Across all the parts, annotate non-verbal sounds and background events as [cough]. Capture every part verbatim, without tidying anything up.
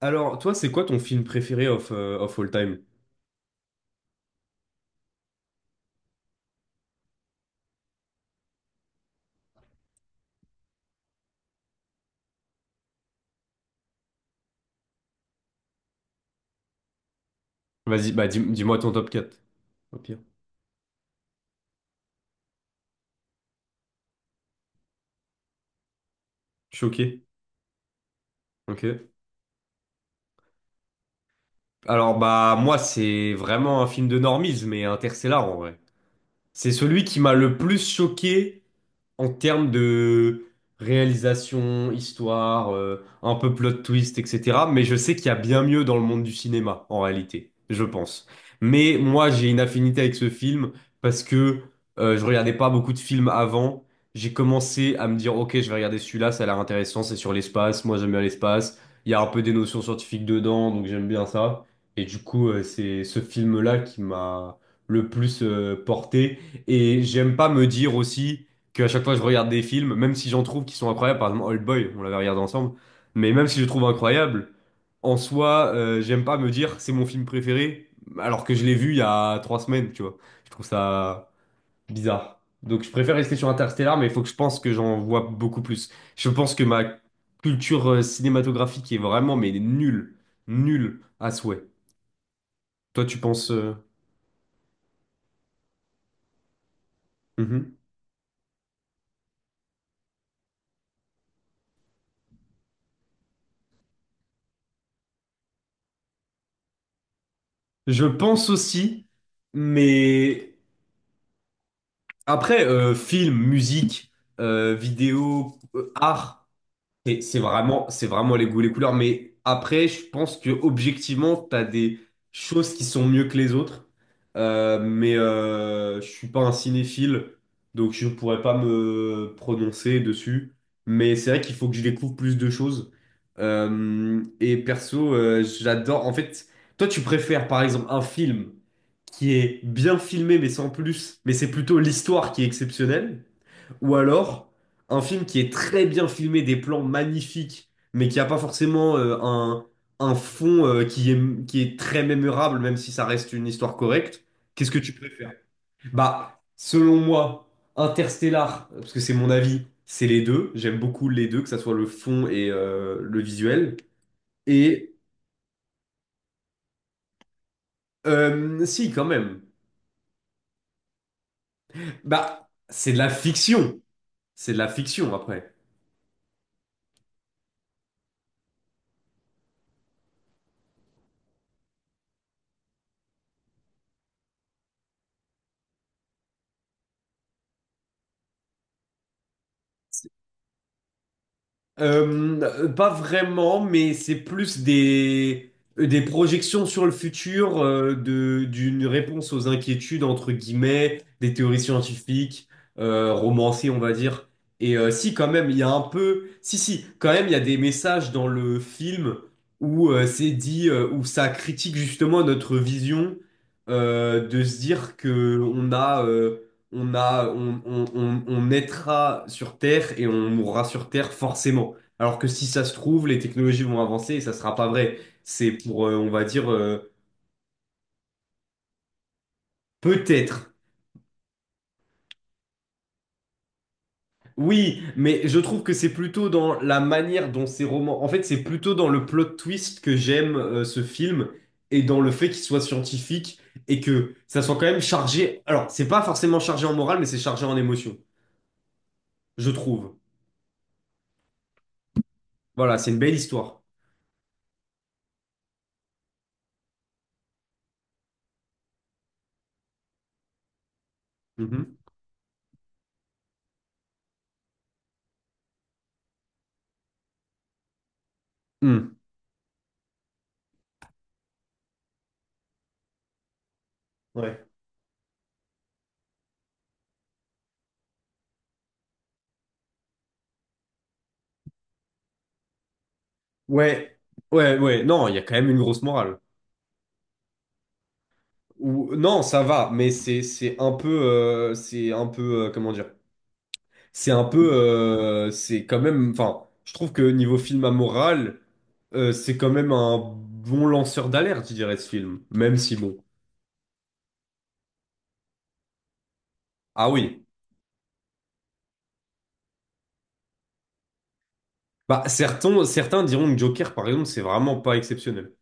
Alors, toi, c'est quoi ton film préféré of, euh, of all time? Vas-y, bah dis, dis-moi ton top quatre. Au pire. Choqué. Ok. Alors, bah moi, c'est vraiment un film de normies, mais Interstellar en vrai. C'est celui qui m'a le plus choqué en termes de réalisation, histoire, euh, un peu plot twist, et cetera. Mais je sais qu'il y a bien mieux dans le monde du cinéma, en réalité, je pense. Mais moi, j'ai une affinité avec ce film parce que euh, je regardais pas beaucoup de films avant. J'ai commencé à me dire, ok, je vais regarder celui-là, ça a l'air intéressant, c'est sur l'espace, moi j'aime bien l'espace. Il y a un peu des notions scientifiques dedans, donc j'aime bien ça. Et du coup, euh, c'est ce film-là qui m'a le plus euh, porté. Et j'aime pas me dire aussi que à chaque fois je regarde des films, même si j'en trouve qui sont incroyables, par exemple Old Boy, on l'avait regardé ensemble, mais même si je le trouve incroyable, en soi, euh, j'aime pas me dire c'est mon film préféré, alors que je l'ai vu il y a trois semaines, tu vois. Je trouve ça bizarre. Donc je préfère rester sur Interstellar, mais il faut que je pense que j'en vois beaucoup plus. Je pense que ma culture euh, cinématographique est vraiment, mais nulle, nulle à souhait. Toi, tu penses, euh, mhm. Je pense aussi, mais... Après, euh, film, musique, euh, vidéo, euh, art. C'est c'est vraiment, c'est vraiment les goûts, les couleurs. Mais après, je pense que objectivement, t'as des choses qui sont mieux que les autres. Euh, mais euh, je suis pas un cinéphile, donc je pourrais pas me prononcer dessus. Mais c'est vrai qu'il faut que je découvre plus de choses. Euh, et perso, euh, j'adore. En fait, toi, tu préfères par exemple un film qui est bien filmé, mais sans plus, mais c'est plutôt l'histoire qui est exceptionnelle. Ou alors, un film qui est très bien filmé, des plans magnifiques, mais qui n'a pas forcément euh, un, un fond euh, qui est, qui est très mémorable, même si ça reste une histoire correcte. Qu'est-ce que tu préfères? Bah, selon moi, Interstellar, parce que c'est mon avis, c'est les deux. J'aime beaucoup les deux, que ça soit le fond et euh, le visuel. Et euh, si, quand même. Bah, c'est de la fiction. C'est de la fiction après. Euh, pas vraiment, mais c'est plus des, des projections sur le futur, euh, de, d'une réponse aux inquiétudes, entre guillemets, des théories scientifiques, euh, romancées, on va dire. Et euh, si, quand même, il y a un peu... Si, si, quand même, il y a des messages dans le film où euh, c'est dit, euh, où ça critique justement notre vision, euh, de se dire que on a... euh, on a, on, on, on, on naîtra sur Terre et on mourra sur Terre forcément. Alors que si ça se trouve, les technologies vont avancer et ça sera pas vrai. C'est pour, euh, on va dire, euh, peut-être. Oui, mais je trouve que c'est plutôt dans la manière dont ces romans... En fait, c'est plutôt dans le plot twist que j'aime euh, ce film et dans le fait qu'il soit scientifique et que ça soit quand même chargé... Alors, c'est pas forcément chargé en morale, mais c'est chargé en émotion, je trouve. Voilà, c'est une belle histoire. Mhm. Mm. Ouais. Ouais, ouais, ouais, non, il y a quand même une grosse morale. Ou, non, ça va, mais c'est c'est un peu, euh, c'est un peu, euh, comment dire, c'est un peu, euh, c'est quand même, enfin, je trouve que niveau film à morale, euh, c'est quand même un bon lanceur d'alerte, je dirais, ce film, même si bon. Ah oui, bah certains, certains diront que Joker, par exemple, c'est vraiment pas exceptionnel.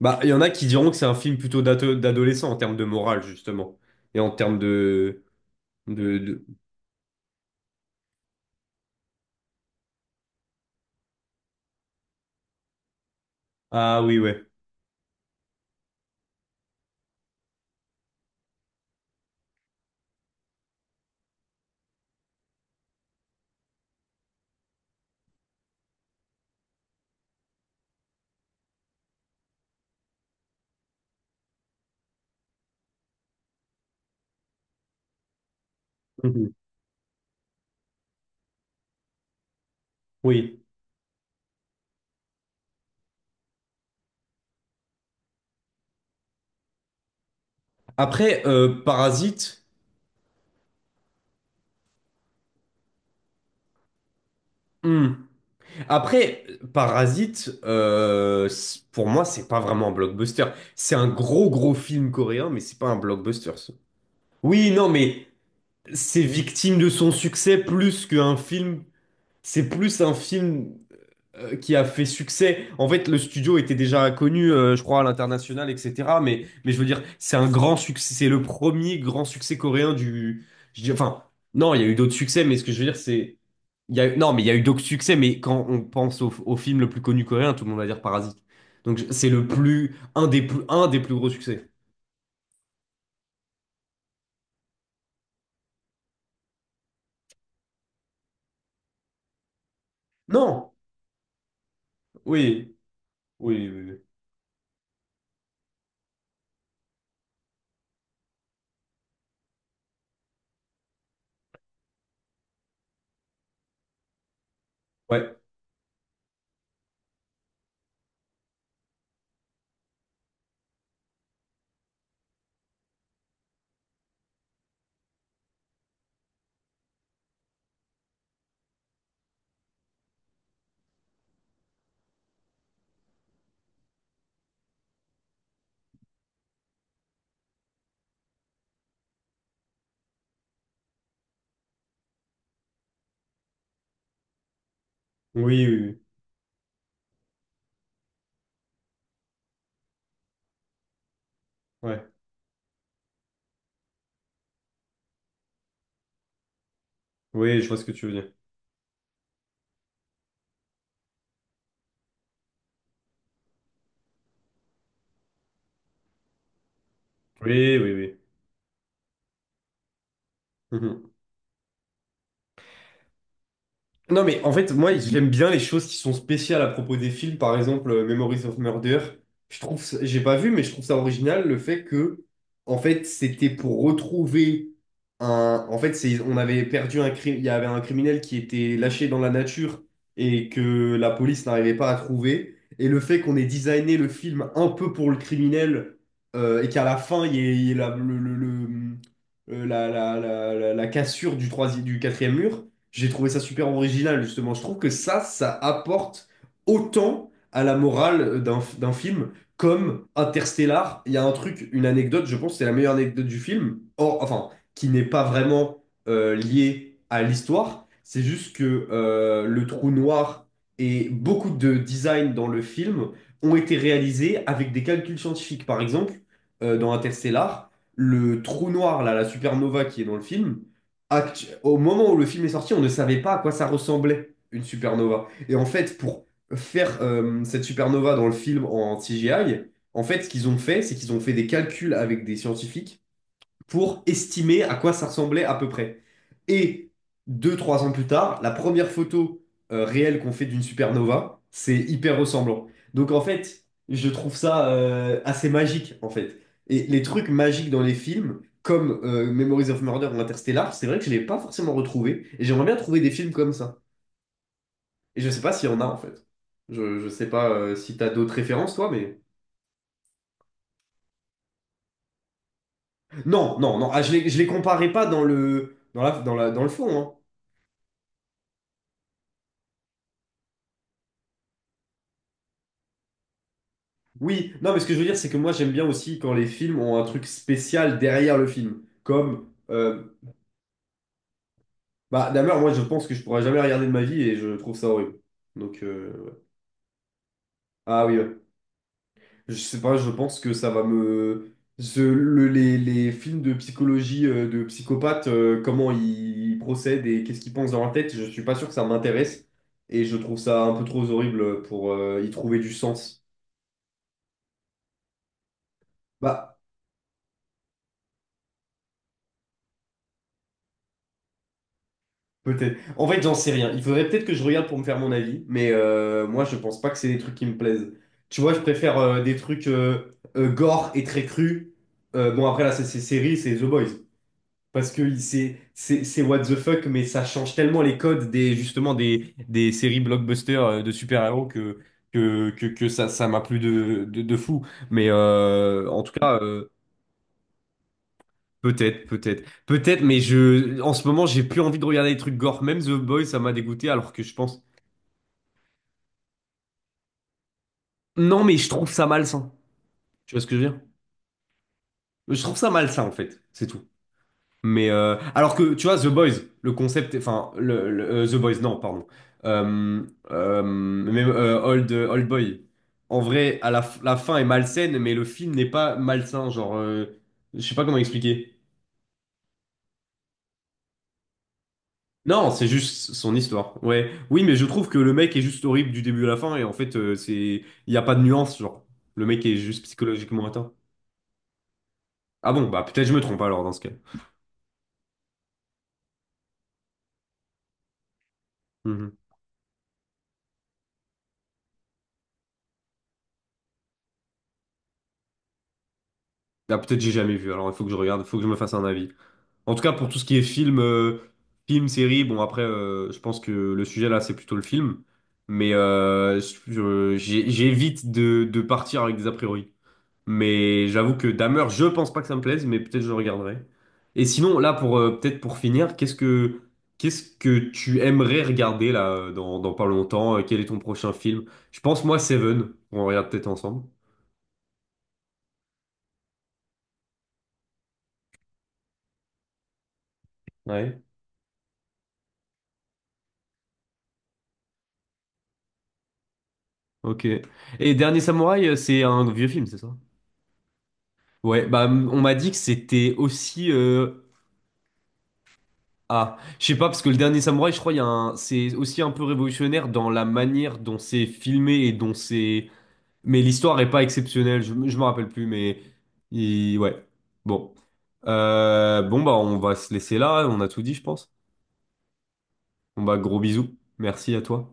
Bah, il y en a qui diront que c'est un film plutôt d'ado- d'adolescent en termes de morale, justement, et en termes de, de, de... Ah oui, ouais. [laughs] Mhm. Oui. Après, euh, Parasite. Hmm. Après, Parasite, euh, c- pour moi, c'est pas vraiment un blockbuster. C'est un gros, gros film coréen, mais c'est pas un blockbuster, ça. Oui, non, mais c'est victime de son succès plus qu'un film. C'est plus un film euh, qui a fait succès. En fait, le studio était déjà connu, euh, je crois, à l'international, et cetera. Mais, mais je veux dire, c'est un grand succès. C'est le premier grand succès coréen du. Je dis- enfin, non, il y a eu d'autres succès, mais ce que je veux dire, c'est. Il y a, eu- Non, mais il y a eu d'autres succès, mais quand on pense au, au film le plus connu coréen, tout le monde va dire Parasite. Donc je- c'est le plus, un des plus, un des plus gros succès. Non! Oui, oui, oui, oui. Ouais, oui, oui, oui. Ouais, oui, je vois ce que tu veux dire. Oui, oui, oui. Mhm. Non, mais en fait, moi, j'aime bien les choses qui sont spéciales à propos des films. Par exemple, euh, Memories of Murder. Je trouve, ça- j'ai pas vu, mais je trouve ça original le fait que, en fait, c'était pour retrouver un. En fait, c'est, on avait perdu un crime. Il y avait un criminel qui était lâché dans la nature et que la police n'arrivait pas à trouver. Et le fait qu'on ait designé le film un peu pour le criminel euh, et qu'à la fin, il y ait, il y ait la, le- le- le- euh, la, la, la, la, la cassure du troisième, du quatrième mur. J'ai trouvé ça super original, justement. Je trouve que ça, ça apporte autant à la morale d'un d'un film comme Interstellar. Il y a un truc, une anecdote, je pense que c'est la meilleure anecdote du film, or, enfin, qui n'est pas vraiment euh, liée à l'histoire. C'est juste que euh, le trou noir et beaucoup de design dans le film ont été réalisés avec des calculs scientifiques. Par exemple, euh, dans Interstellar, le trou noir, là, la supernova qui est dans le film, actu- au moment où le film est sorti, on ne savait pas à quoi ça ressemblait, une supernova. Et en fait, pour faire euh, cette supernova dans le film en C G I, en fait, ce qu'ils ont fait, c'est qu'ils ont fait des calculs avec des scientifiques pour estimer à quoi ça ressemblait à peu près. Et deux, trois ans plus tard, la première photo euh, réelle qu'on fait d'une supernova, c'est hyper ressemblant. Donc en fait, je trouve ça euh, assez magique en fait. Et les trucs magiques dans les films, comme euh, Memories of Murder ou Interstellar, c'est vrai que je ne l'ai pas forcément retrouvé. Et j'aimerais bien trouver des films comme ça. Et je ne sais pas s'il y en a en fait. Je, je sais pas euh, si t'as d'autres références, toi, mais... Non, non, non, ah, je les, je les comparais pas dans le, dans la, dans la, dans le fond, hein. Oui, non, mais ce que je veux dire, c'est que moi, j'aime bien aussi quand les films ont un truc spécial derrière le film. Comme, euh, bah, Dahmer, moi, je pense que je pourrais jamais regarder de ma vie et je trouve ça horrible. Donc, euh, ouais. Ah oui, ouais. Je sais pas, je pense que ça va me. ce- le- les, les films de psychologie euh, de psychopathes, euh, comment ils procèdent et qu'est-ce qu'ils pensent dans leur tête, je suis pas sûr que ça m'intéresse. Et je trouve ça un peu trop horrible pour euh, y trouver du sens. Bah, peut-être. En fait, j'en sais rien. Il faudrait peut-être que je regarde pour me faire mon avis, mais euh, moi, je pense pas que c'est des trucs qui me plaisent. Tu vois, je préfère euh, des trucs euh, euh, gore et très crus. Euh, bon, après, là, c'est c'est série, c'est The Boys. Parce que il- c'est c'est c'est what the fuck, mais ça change tellement les codes des justement des, des séries blockbusters euh, de super-héros que, que, que, que, ça ça m'a plu de, de, de fou. Mais euh, en tout cas. euh, Peut-être, peut-être, peut-être, mais je, en ce moment, j'ai plus envie de regarder des trucs gore. Même The Boys, ça m'a dégoûté, alors que je pense. Non, mais je trouve ça malsain. Tu vois ce que je veux dire? Je trouve ça malsain, en fait, c'est tout. Mais euh, alors que, tu vois, The Boys, le concept, enfin, le, le- euh, The Boys, non, pardon. Euh, euh, Même euh, Old, Old Boy. En vrai, à la, f- la fin est malsaine, mais le film n'est pas malsain. Genre, euh, je sais pas comment expliquer. Non, c'est juste son histoire. Ouais. Oui, mais je trouve que le mec est juste horrible du début à la fin et en fait, euh, c'est il y a pas de nuance, genre. Le mec est juste psychologiquement atteint. Ah bon, bah peut-être je me trompe alors dans ce cas. Mhm. Ah peut-être j'ai jamais vu, alors il faut que je regarde, il faut que je me fasse un avis. En tout cas, pour tout ce qui est film, euh, film, série, bon après, euh, je pense que le sujet là, c'est plutôt le film. Mais euh, je- je- j'ai- j'évite de, de partir avec des a priori. Mais j'avoue que Dahmer, je pense pas que ça me plaise, mais peut-être je le regarderai. Et sinon, là, pour euh, peut-être pour finir, qu'est-ce que qu'est-ce que tu aimerais regarder là euh, dans, dans pas longtemps? Euh, Quel est ton prochain film? Je pense moi Seven. On regarde peut-être ensemble. Ouais. Ok. Et Dernier Samouraï, euh, c'est un vieux film, c'est ça? Ouais. Bah, m- on m'a dit que c'était aussi. euh, Ah, je sais pas parce que le Dernier Samouraï, je crois, il y a un... c'est aussi un peu révolutionnaire dans la manière dont c'est filmé et dont c'est Mais l'histoire est pas exceptionnelle, je, je me rappelle plus, mais il- ouais. Bon. Euh, bon, bah, on va se laisser là, on a tout dit, je pense. Bon, bah, gros bisous. Merci à toi.